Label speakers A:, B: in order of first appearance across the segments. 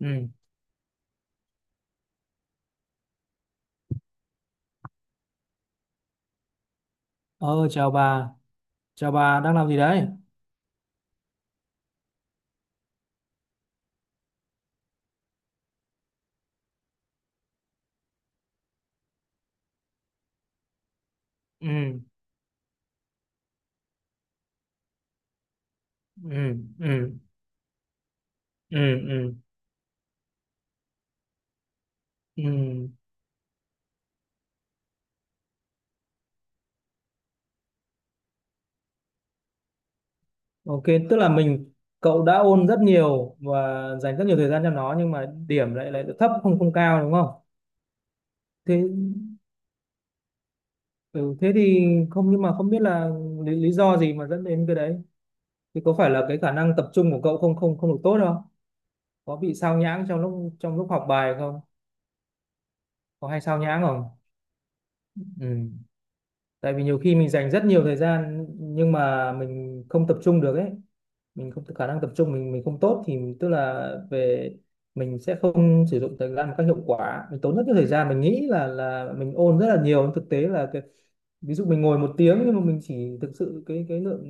A: Ừ. Ờ, chào bà đang làm gì đấy? Ừ. Ừ. Ừ. Ừ. Ừ. Ừ. OK, tức là cậu đã ôn rất nhiều và dành rất nhiều thời gian cho nó nhưng mà điểm lại lại thấp, không không cao đúng không? Thế. Ừ, thế thì không, nhưng mà không biết là lý do gì mà dẫn đến cái đấy thì có phải là cái khả năng tập trung của cậu không không không được tốt không? Có bị sao nhãng trong lúc học bài không? Có hay sao nhãng không? Ừ, tại vì nhiều khi mình dành rất nhiều thời gian nhưng mà mình không tập trung được ấy. Mình không, khả năng tập trung mình không tốt thì tức là về mình sẽ không sử dụng thời gian một cách hiệu quả. Mình tốn rất nhiều thời gian, mình nghĩ là mình ôn rất là nhiều nhưng thực tế là cái, ví dụ mình ngồi một tiếng nhưng mà mình chỉ thực sự cái lượng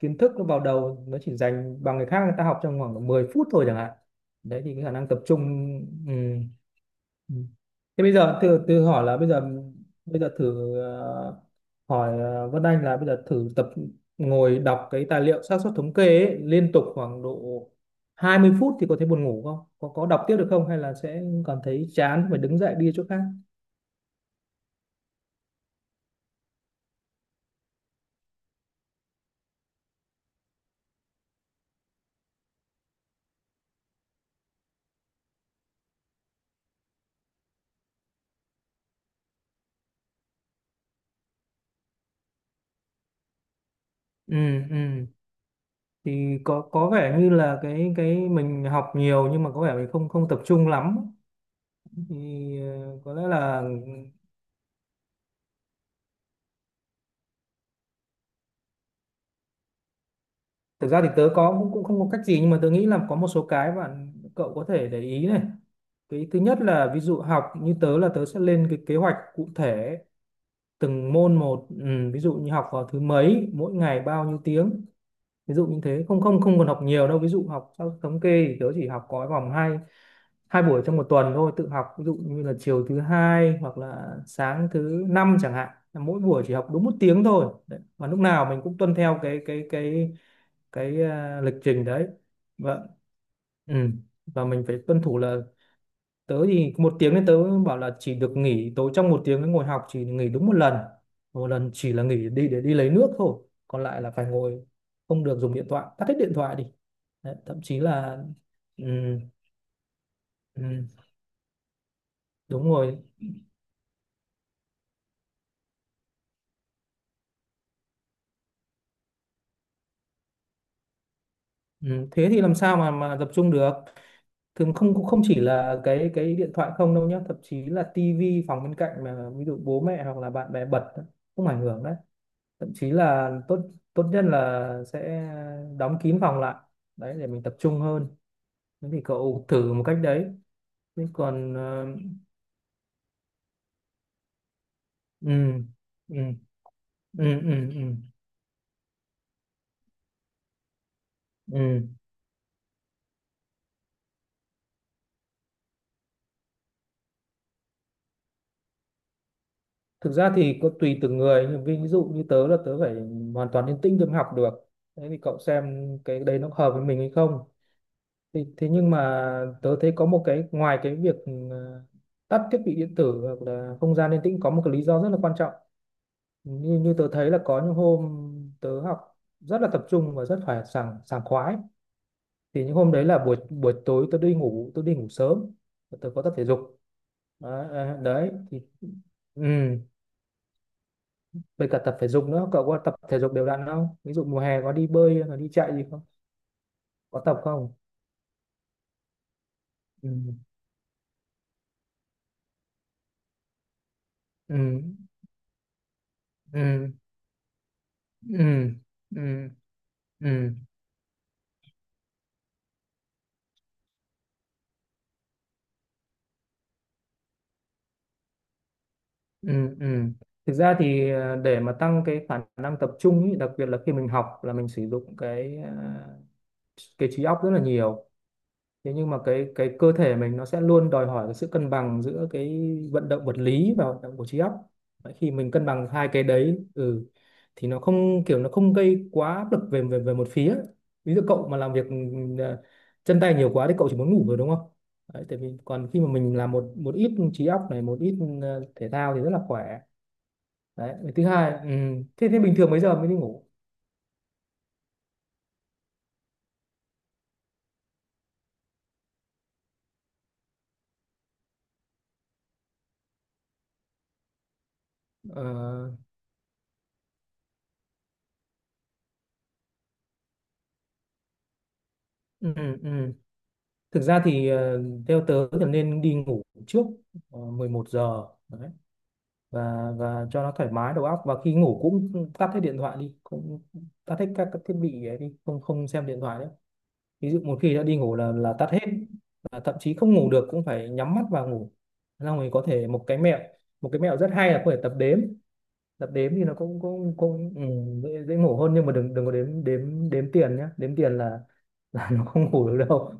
A: kiến thức nó vào đầu nó chỉ dành bằng người khác, người ta học trong khoảng 10 phút thôi chẳng hạn. Đấy thì cái khả năng tập trung. Ừ. Ừ. Thế bây giờ từ từ hỏi là bây giờ, thử hỏi Vân Anh là bây giờ thử tập ngồi đọc cái tài liệu xác suất thống kê ấy, liên tục khoảng độ 20 phút thì có thấy buồn ngủ không? Có đọc tiếp được không hay là sẽ cảm thấy chán phải đứng dậy đi chỗ khác? Ừ. Ừ, thì có vẻ như là cái mình học nhiều nhưng mà có vẻ mình không không tập trung lắm, thì có lẽ là thực ra thì tớ có cũng cũng không có cách gì nhưng mà tớ nghĩ là có một số cái bạn cậu có thể để ý này. Cái thứ nhất là ví dụ học như tớ là tớ sẽ lên cái kế hoạch cụ thể từng môn một. Ừ, ví dụ như học vào thứ mấy, mỗi ngày bao nhiêu tiếng, ví dụ như thế, không không không còn học nhiều đâu. Ví dụ học theo thống kê thì tớ chỉ học có vòng hai, hai buổi trong một tuần thôi tự học, ví dụ như là chiều thứ hai hoặc là sáng thứ năm chẳng hạn, là mỗi buổi chỉ học đúng một tiếng thôi. Đấy. Và lúc nào mình cũng tuân theo cái lịch trình đấy. Vâng. Ừ, và mình phải tuân thủ là tớ thì một tiếng nên tớ bảo là chỉ được nghỉ tối trong một tiếng, cái ngồi học chỉ nghỉ đúng một lần, một lần chỉ là nghỉ đi để đi lấy nước thôi, còn lại là phải ngồi, không được dùng điện thoại, tắt hết điện thoại đi. Đấy, thậm chí là. Ừ. Ừ, đúng rồi. Ừ, thế thì làm sao mà tập trung được. Thường không, cũng không chỉ là cái điện thoại không đâu nhá, thậm chí là tivi phòng bên cạnh mà ví dụ bố mẹ hoặc là bạn bè bật đó, cũng ảnh hưởng đấy. Thậm chí là tốt tốt nhất là sẽ đóng kín phòng lại, đấy để mình tập trung hơn. Thế thì cậu thử một cách đấy, chứ còn ừ. Ừ. Ừ. Ừ. Ừ. Ừ. Thực ra thì có tùy từng người nhưng ví dụ như tớ là tớ phải hoàn toàn yên tĩnh tớ mới học được. Thế thì cậu xem cái đấy nó hợp với mình hay không, thì thế thế nhưng mà tớ thấy có một cái ngoài cái việc ờ, tắt thiết bị điện tử hoặc là không gian yên tĩnh, có một cái lý do rất là quan trọng, như như tớ thấy là có những hôm tớ học rất là tập trung và rất phải sảng sảng khoái. Thì những hôm đấy là buổi buổi tối, tôi đi ngủ sớm và tôi có tập thể dục. Đấy. Đấy thì. Ừ, với cả tập thể dục nữa, cậu có tập thể dục đều đặn không? Ví dụ mùa hè có đi bơi hay là đi chạy gì không? Có tập không? Ừ. Ừ. Ừ. Ừ. Ừ. Ừ. Ừ. Ừ. Thực ra thì để mà tăng cái khả năng tập trung ý, đặc biệt là khi mình học là mình sử dụng cái trí óc rất là nhiều. Thế nhưng mà cái cơ thể mình nó sẽ luôn đòi hỏi cái sự cân bằng giữa cái vận động vật lý và vận động của trí óc. Đấy, khi mình cân bằng hai cái đấy, ừ, thì nó không, kiểu nó không gây quá áp lực về về về một phía. Ví dụ cậu mà làm việc ờ, chân tay nhiều quá thì cậu chỉ muốn ngủ rồi đúng không. Đấy, tại vì còn khi mà mình làm một một ít trí óc này một ít thể thao thì rất là khỏe. Đấy thứ hai, ừ, thế thế bình thường mấy giờ mới đi ngủ? Ờ. Ừ. Ừ. Ừ. Thực ra thì theo tớ thì nên đi ngủ trước 11 giờ. Đấy. Và cho nó thoải mái đầu óc, và khi ngủ cũng tắt hết điện thoại đi, cũng tắt hết các thiết bị ấy đi, không không xem điện thoại nữa. Ví dụ một khi đã đi ngủ là tắt hết. Và thậm chí không ngủ được cũng phải nhắm mắt vào ngủ. Xong rồi có thể một cái mẹo rất hay là có thể tập đếm thì nó cũng cũng cũng ừ, dễ ngủ hơn, nhưng mà đừng đừng có đếm đếm đếm tiền nhá, đếm tiền là nó không ngủ được đâu.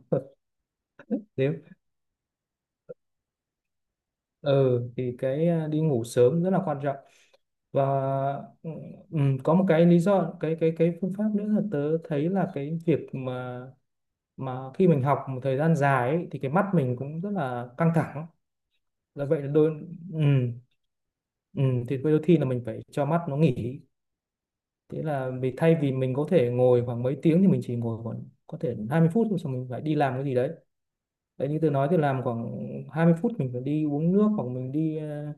A: Đếm. Ừ, thì cái đi ngủ sớm rất là quan trọng và. Ừ. Ừ, có một cái lý do, cái phương pháp nữa là tớ thấy là cái việc mà khi mình học một thời gian dài ấy, thì cái mắt mình cũng rất là căng thẳng. Là vậy, là đôi. Ừ. Ừ, thì đôi khi là mình phải cho mắt nó nghỉ. Thế là vì thay vì mình có thể ngồi khoảng mấy tiếng thì mình chỉ ngồi khoảng có thể 20 phút thôi, xong mình phải đi làm cái gì đấy. Đấy, như tôi nói thì làm khoảng 20 phút mình phải đi uống nước hoặc mình đi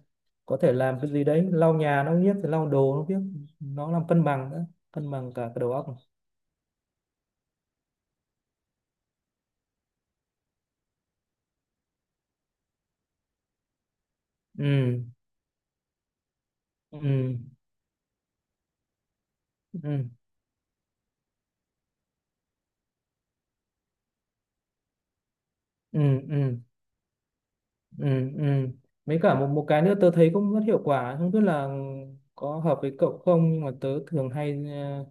A: có thể làm cái gì đấy, lau nhà nó biết, lau đồ nó biết, nó làm cân bằng nữa, cân bằng cả cái đầu óc. Ừ. Ừ. Ừ. Ừ. Ừ. Ừ. Ừ. Ừ. Mấy cả một một cái nữa tớ thấy cũng rất hiệu quả, không biết là có hợp với cậu không, nhưng mà tớ thường hay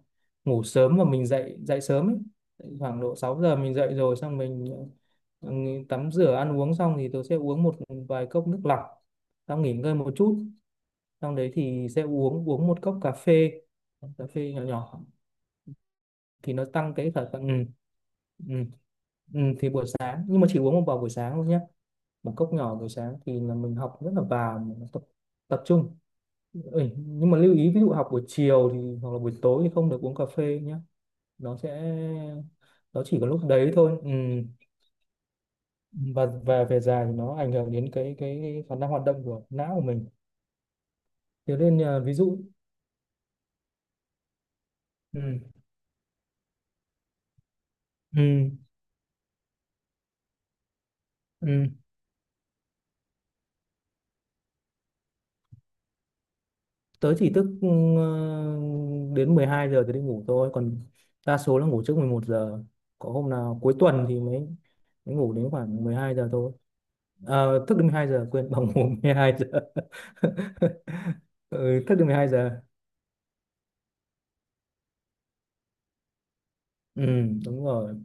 A: ngủ sớm và mình dậy dậy sớm ấy. Dậy khoảng độ 6 giờ mình dậy rồi, xong mình ừ, tắm rửa ăn uống xong thì tớ sẽ uống một vài cốc nước lọc, xong nghỉ ngơi một chút, xong đấy thì sẽ uống uống một cốc cà phê, cà phê nhỏ nhỏ. Thì nó tăng cái thở. Ừ. Ừ. Ừ, thì buổi sáng nhưng mà chỉ uống một vào buổi sáng thôi nhé, một cốc nhỏ buổi sáng thì là mình học rất là vào, mình tập tập trung. Ừ, nhưng mà lưu ý ví dụ học buổi chiều thì hoặc là buổi tối thì không được uống cà phê nhé, nó sẽ, nó chỉ có lúc đấy thôi. Ừ. và về dài thì nó ảnh hưởng đến cái khả năng hoạt động của não của mình, thế nên ví dụ. Ừ. Ừ. Ừ. Tớ chỉ thức ừ, đến 12 giờ thì đi ngủ thôi, còn đa số là ngủ trước 11 giờ, có hôm nào cuối tuần thì mới mới ngủ đến khoảng 12 giờ thôi. Ờ, thức đến 12 giờ, quên, bằng ngủ 12 giờ. Ừ, thức đến 12 giờ. Ừ, đúng rồi.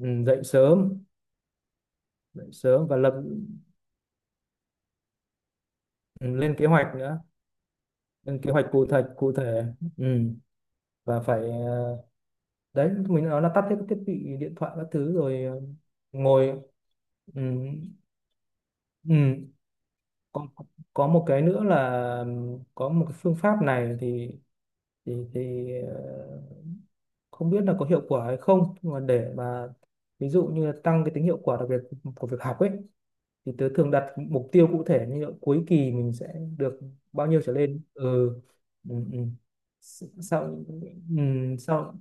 A: Ừ, dậy sớm, dậy sớm và lập. Ừ, lên kế hoạch nữa, lên kế hoạch cụ thể, cụ thể. Ừ, và phải đấy mình nói là tắt hết các thiết bị điện thoại các thứ rồi ngồi. Ừ. Ừ. Có, có một cái nữa là, ừ, có một cái phương pháp này thì, thì thì ờ, không biết là có hiệu quả hay không nhưng mà để mà ví dụ như là tăng cái tính hiệu quả đặc biệt của việc học ấy, thì tớ thường đặt mục tiêu cụ thể như là cuối kỳ mình sẽ được bao nhiêu trở lên. Ừ. Ừ. Ừ. S- sau ừ, sau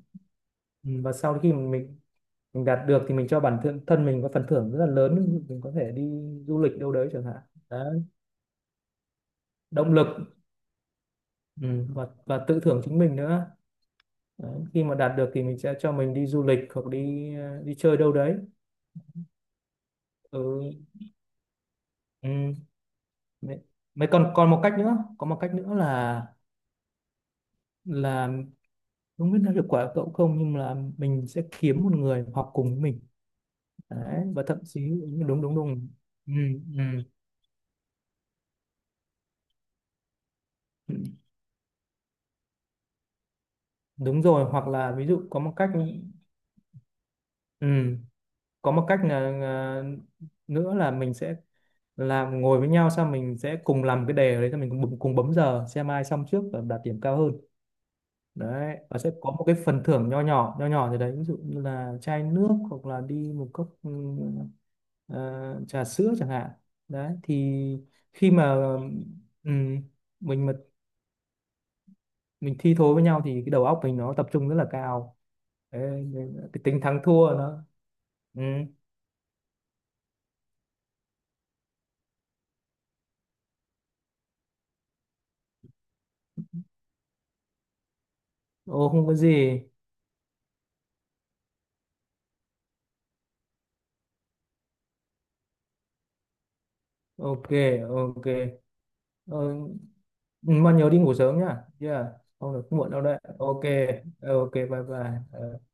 A: và sau khi mình đạt được thì mình cho bản thân thân mình có phần thưởng rất là lớn, mình có thể đi du lịch đâu đấy chẳng hạn. Đấy, động lực. Ừ, và tự thưởng chính mình nữa. Đấy, khi mà đạt được thì mình sẽ cho mình đi du lịch hoặc đi đi chơi đâu đấy. Ừ. Ừ. Đấy. Mấy còn còn một cách nữa, có một cách nữa là không biết nó hiệu quả của cậu không nhưng là mình sẽ kiếm một người học cùng với mình. Đấy, và thậm chí đúng, đúng, đúng. Ừ. Ừ. Ừ. Đúng rồi, hoặc là ví dụ có một cách, ừ, có một cách là nữa là mình sẽ làm ngồi với nhau, xong mình sẽ cùng làm cái đề đấy, xong mình cùng cùng bấm giờ xem ai xong trước và đạt điểm cao hơn. Đấy và sẽ có một cái phần thưởng nho nhỏ, nho nhỏ gì đấy, ví dụ như là chai nước hoặc là đi một cốc ừ, ờ, trà sữa chẳng hạn. Đấy thì khi mà, ừ, mình mà mình thi thố với nhau thì cái đầu óc mình nó tập trung rất là cao. Đấy, nên cái tính thắng thua nó. Ừ. Ồ, không có gì. OK. OK. ờ, mà nhớ đi ngủ sớm nhá, yeah. Không được muộn đâu đấy. OK. OK. Bye bye. Ờ.